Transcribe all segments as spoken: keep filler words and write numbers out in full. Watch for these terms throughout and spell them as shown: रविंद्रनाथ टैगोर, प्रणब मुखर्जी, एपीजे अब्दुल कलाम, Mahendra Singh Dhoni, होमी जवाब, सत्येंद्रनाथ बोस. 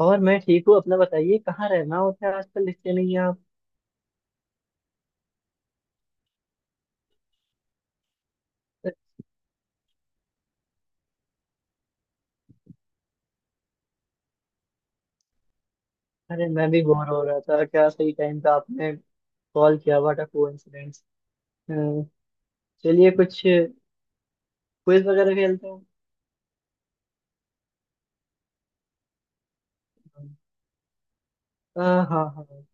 और मैं ठीक हूँ। अपना बताइए, कहाँ रहना होता है? आजकल दिखते नहीं है आप। अरे मैं भी बोर हो रहा था, क्या सही टाइम पे आपने कॉल किया, व्हाट अ कोइंसिडेंस। चलिए कुछ क्विज वगैरह खेलते हैं। अ, हाँ हाँ।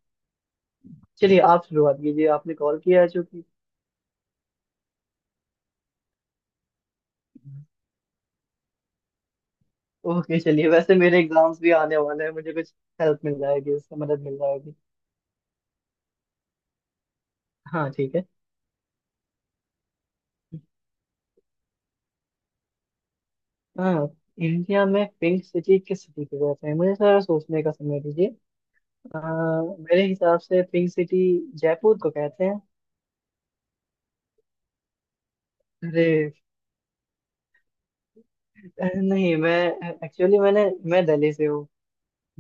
चलिए आप शुरुआत कीजिए, आपने कॉल किया है चूंकि। ओके चलिए, वैसे मेरे एग्जाम्स भी आने वाले हैं, मुझे कुछ हेल्प मिल जाएगी, उससे मदद मिल जाएगी। हाँ ठीक है। हाँ, इंडिया में पिंक सिटी किस सिटी को कहते हैं, मुझे थोड़ा सोचने का समय दीजिए। अ, मेरे हिसाब से पिंक सिटी जयपुर को कहते हैं। अरे। अरे नहीं मैं एक्चुअली मैंने मैं दिल्ली से हूँ।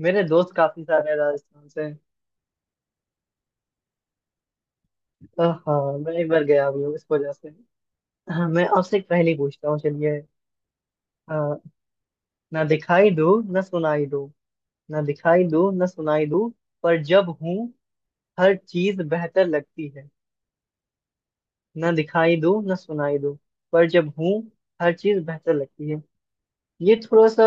मेरे दोस्त काफी सारे हैं राजस्थान से। अ, हाँ, मैं एक बार गया भी हूँ इस वजह से। हाँ, मैं आपसे एक पहेली पूछता हूँ। चलिए। अ, ना दिखाई दूँ, ना सुनाई दूँ। ना दिखाई दूँ, ना सुनाई दूँ, पर जब हूँ हर चीज बेहतर लगती है। ना दिखाई दूँ, ना सुनाई दूँ, पर जब हूँ हर चीज बेहतर लगती है। ये थोड़ा सा।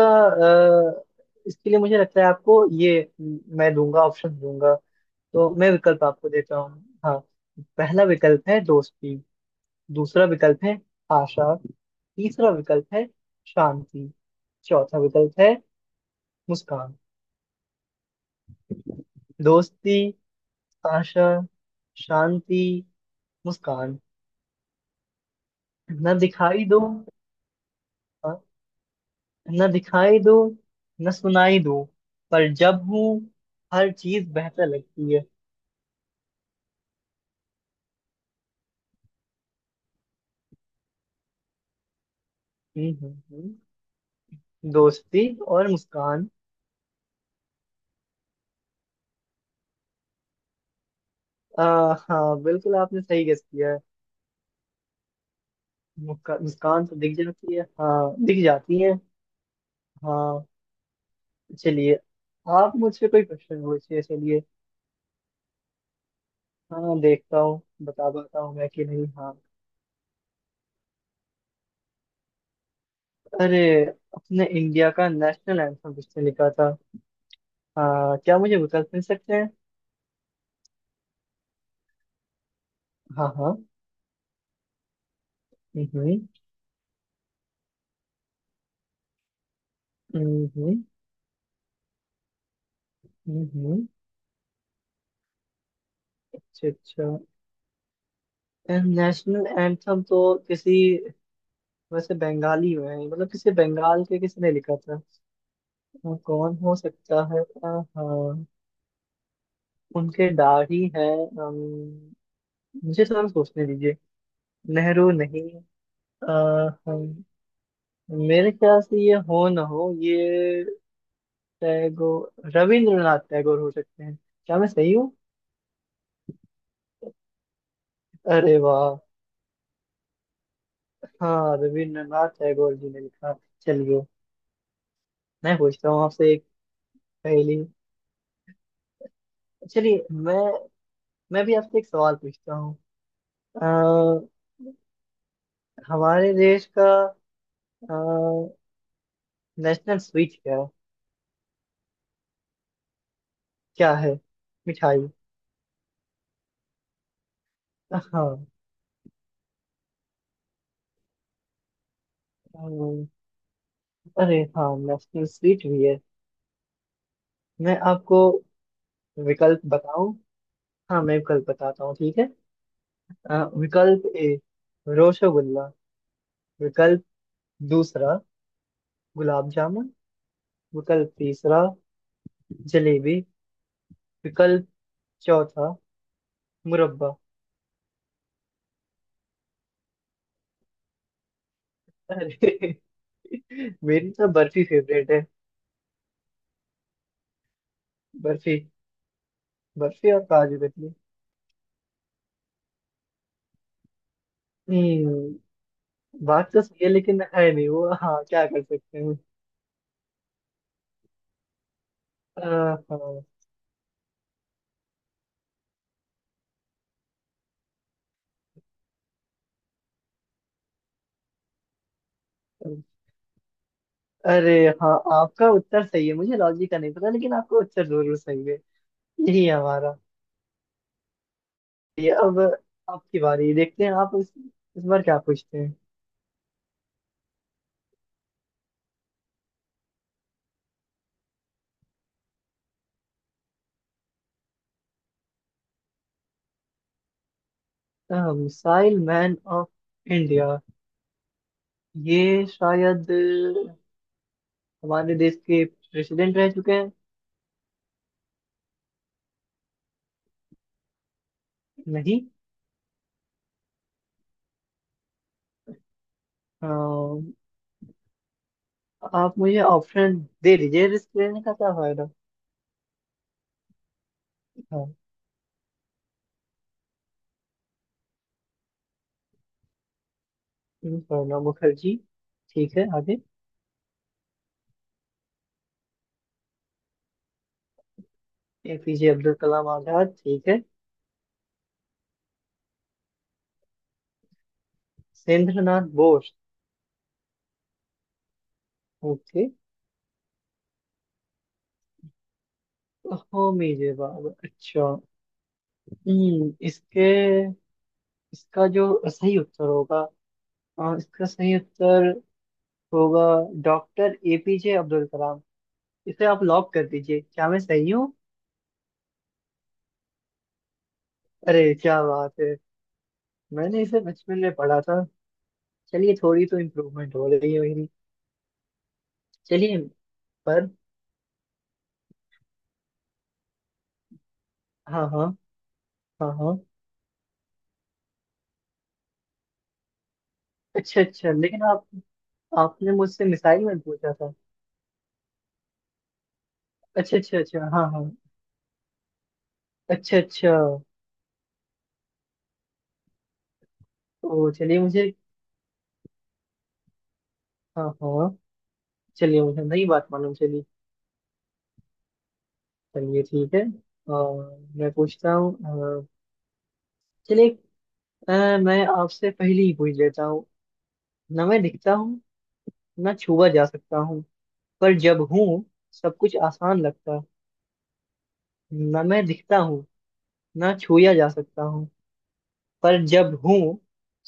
अ, इसके लिए मुझे लगता है आपको ये म, मैं दूंगा ऑप्शन दूंगा। तो मैं विकल्प आपको देता हूँ। हाँ। पहला विकल्प है दोस्ती। दूसरा विकल्प है आशा। तीसरा विकल्प है शांति। चौथा विकल्प है मुस्कान। दोस्ती, आशा, शांति, मुस्कान। न दिखाई दो। हाँ, न दिखाई दो, न सुनाई दो, पर जब हूँ हर चीज बेहतर लगती है। हम्म हम्म हम्म। दोस्ती और मुस्कान। आ, हाँ बिल्कुल आपने सही गेस किया है। मुस्का- मुस्कान तो दिख जाती है, हाँ दिख जाती है। हाँ। चलिए, आप मुझसे कोई क्वेश्चन पूछिए। चलिए। हाँ, देखता हूँ बता पाता हूँ मैं कि नहीं, हाँ। अरे, अपने इंडिया का नेशनल एंथम किसने लिखा था। हाँ, क्या मुझे विकल्प मिल सकते हैं? हाँ हाँ। हम्म हम्म। हम्म हम्म, हम्म। अच्छा अच्छा। नेशनल एंथम तो किसी, वैसे बंगाली में है, मतलब किसी बंगाल के, किसने लिखा था। अ, कौन हो सकता है? अ, हाँ, उनके दाढ़ी है। अम, मुझे थोड़ा सोचने दीजिए। नेहरू नहीं। अ, हम, मेरे ख्याल से ये हो ना हो, ये टैगोर, रविंद्रनाथ टैगोर हो सकते हैं। क्या मैं सही हूँ? अरे वाह! हाँ रविंद्रनाथ टैगोर जी ने लिखा। चलिए, मैं पूछता हूँ आपसे एक पहेली। चलिए, मैं मैं भी आपसे एक सवाल पूछता हूँ। हमारे देश का नेशनल स्वीट क्या, क्या है मिठाई? हाँ। अम, अरे हाँ, नेशनल स्वीट भी है। मैं आपको विकल्प बताऊं, हाँ मैं विकल्प बताता हूँ, ठीक है। अ, विकल्प ए रसगुल्ला। विकल्प दूसरा गुलाब जामुन। विकल्प तीसरा जलेबी। विकल्प चौथा मुरब्बा। अरे मेरी तो बर्फी फेवरेट है। बर्फी। बर्फी और काजू कतली। हम्म। बात तो सही है, लेकिन है नहीं वो, हाँ क्या कर सकते हैं। अ, हाँ, अरे हाँ आपका उत्तर सही है, मुझे लॉजिक का नहीं पता, लेकिन आपका उत्तर जरूर सही है। यही है हमारा। ये अब आपकी बारी, देखते हैं आप इस, इस बार क्या पूछते हैं। अ, मिसाइल मैन ऑफ इंडिया। ये शायद हमारे देश के प्रेसिडेंट रह चुके हैं। नहीं। अ, आप मुझे ऑप्शन दे दीजिए, रिस्क लेने का क्या फायदा। हाँ, प्रणब मुखर्जी ठीक है। आगे। एपीजे अब्दुल कलाम आजाद ठीक है। सत्येंद्रनाथ बोस। ओके। होमी जवाब अच्छा। हम्म, इसके इसका जो सही उत्तर होगा। हाँ, इसका सही उत्तर होगा डॉक्टर एपीजे अब्दुल कलाम। इसे आप लॉक कर दीजिए, क्या मैं सही हूँ? अरे क्या बात है! मैंने इसे बचपन में पढ़ा था। चलिए, थोड़ी तो इम्प्रूवमेंट हो रही है मेरी। चलिए। पर हाँ हाँ। हाँ हाँ। अच्छा अच्छा, लेकिन आप आपने मुझसे मिसाइल में पूछा था। अच्छा अच्छा अच्छा। हाँ हाँ। अच्छा अच्छा। ओ चलिए मुझे। हाँ हाँ। चलिए मुझे नई बात मालूम चली। चलिए ठीक है। और मैं पूछता हूँ। अ, चलिए। अ, मैं आपसे पहले ही पूछ लेता हूँ। ना मैं दिखता हूँ, ना छुआ जा सकता हूँ, पर जब हूँ सब कुछ आसान लगता। ना मैं दिखता हूँ, ना छुआ जा सकता हूँ, पर जब हूँ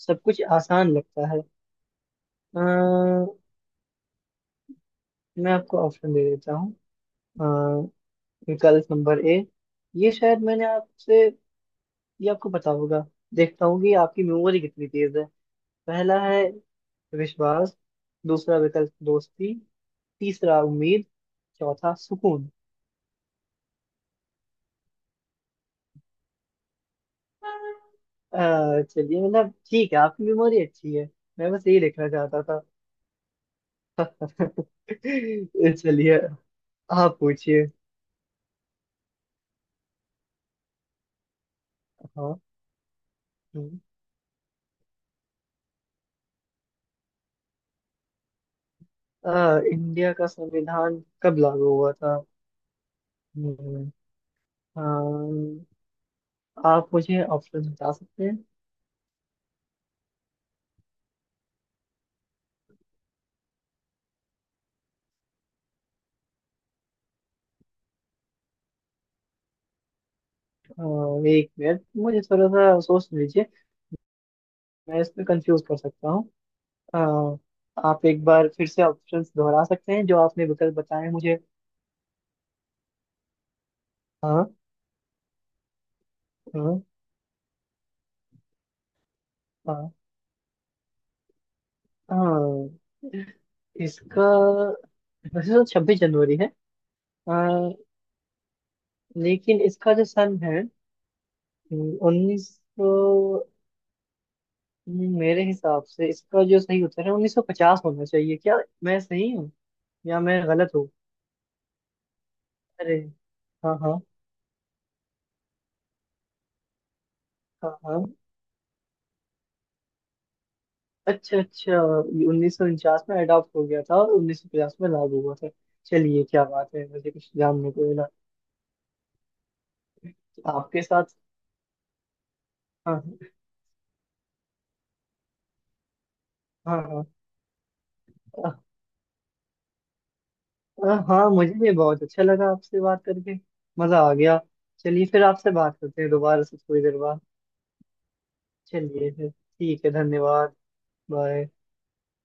सब कुछ आसान लगता है। अ, मैं आपको ऑप्शन दे देता हूँ। विकल्प नंबर ए। ये शायद मैंने आपसे ये आपको पता होगा। देखता हूँ कि आपकी मेमोरी कितनी तेज है। पहला है विश्वास। दूसरा विकल्प दोस्ती। तीसरा उम्मीद। चौथा सुकून। अ, चलिए, मतलब ठीक है, आपकी मेमोरी अच्छी है। मैं बस यही लिखना चाहता था। चलिए, आप पूछिए। हाँ। हम्म। अ, इंडिया का संविधान कब लागू हुआ था? हम्म। अ, आप मुझे ऑप्शन बता सकते हैं? अ, एक मिनट, मुझे थोड़ा सा सोच लीजिए। मैं इसमें कंफ्यूज कर सकता हूँ। अ, आप एक बार फिर से ऑप्शंस दोहरा सकते हैं, जो आपने विकल्प बताए हैं मुझे। हाँ हाँ। हाँ हाँ। इसका वैसे तो छब्बीस जनवरी है। अ, लेकिन इसका जो सन है, उन्नीस सौ। मेरे हिसाब से इसका जो सही उत्तर है उन्नीस सौ पचास होना चाहिए, क्या मैं सही हूँ या मैं गलत हूँ? अरे। हाँ हाँ। हाँ हाँ। अच्छा अच्छा। ये उन्नीस सौ उनचास में अडॉप्ट हो गया था, और उन्नीस सौ पचास में लागू हुआ था। चलिए, क्या बात है, मुझे कुछ जानने को मिला। आपके साथ। हाँ। हाँ हाँ। अ- अ- हाँ, मुझे भी बहुत अच्छा लगा आपसे बात करके, मजा आ गया। चलिए फिर आपसे बात करते हैं दोबारा से थोड़ी देर बाद। चलिए फिर ठीक है, धन्यवाद। बाय।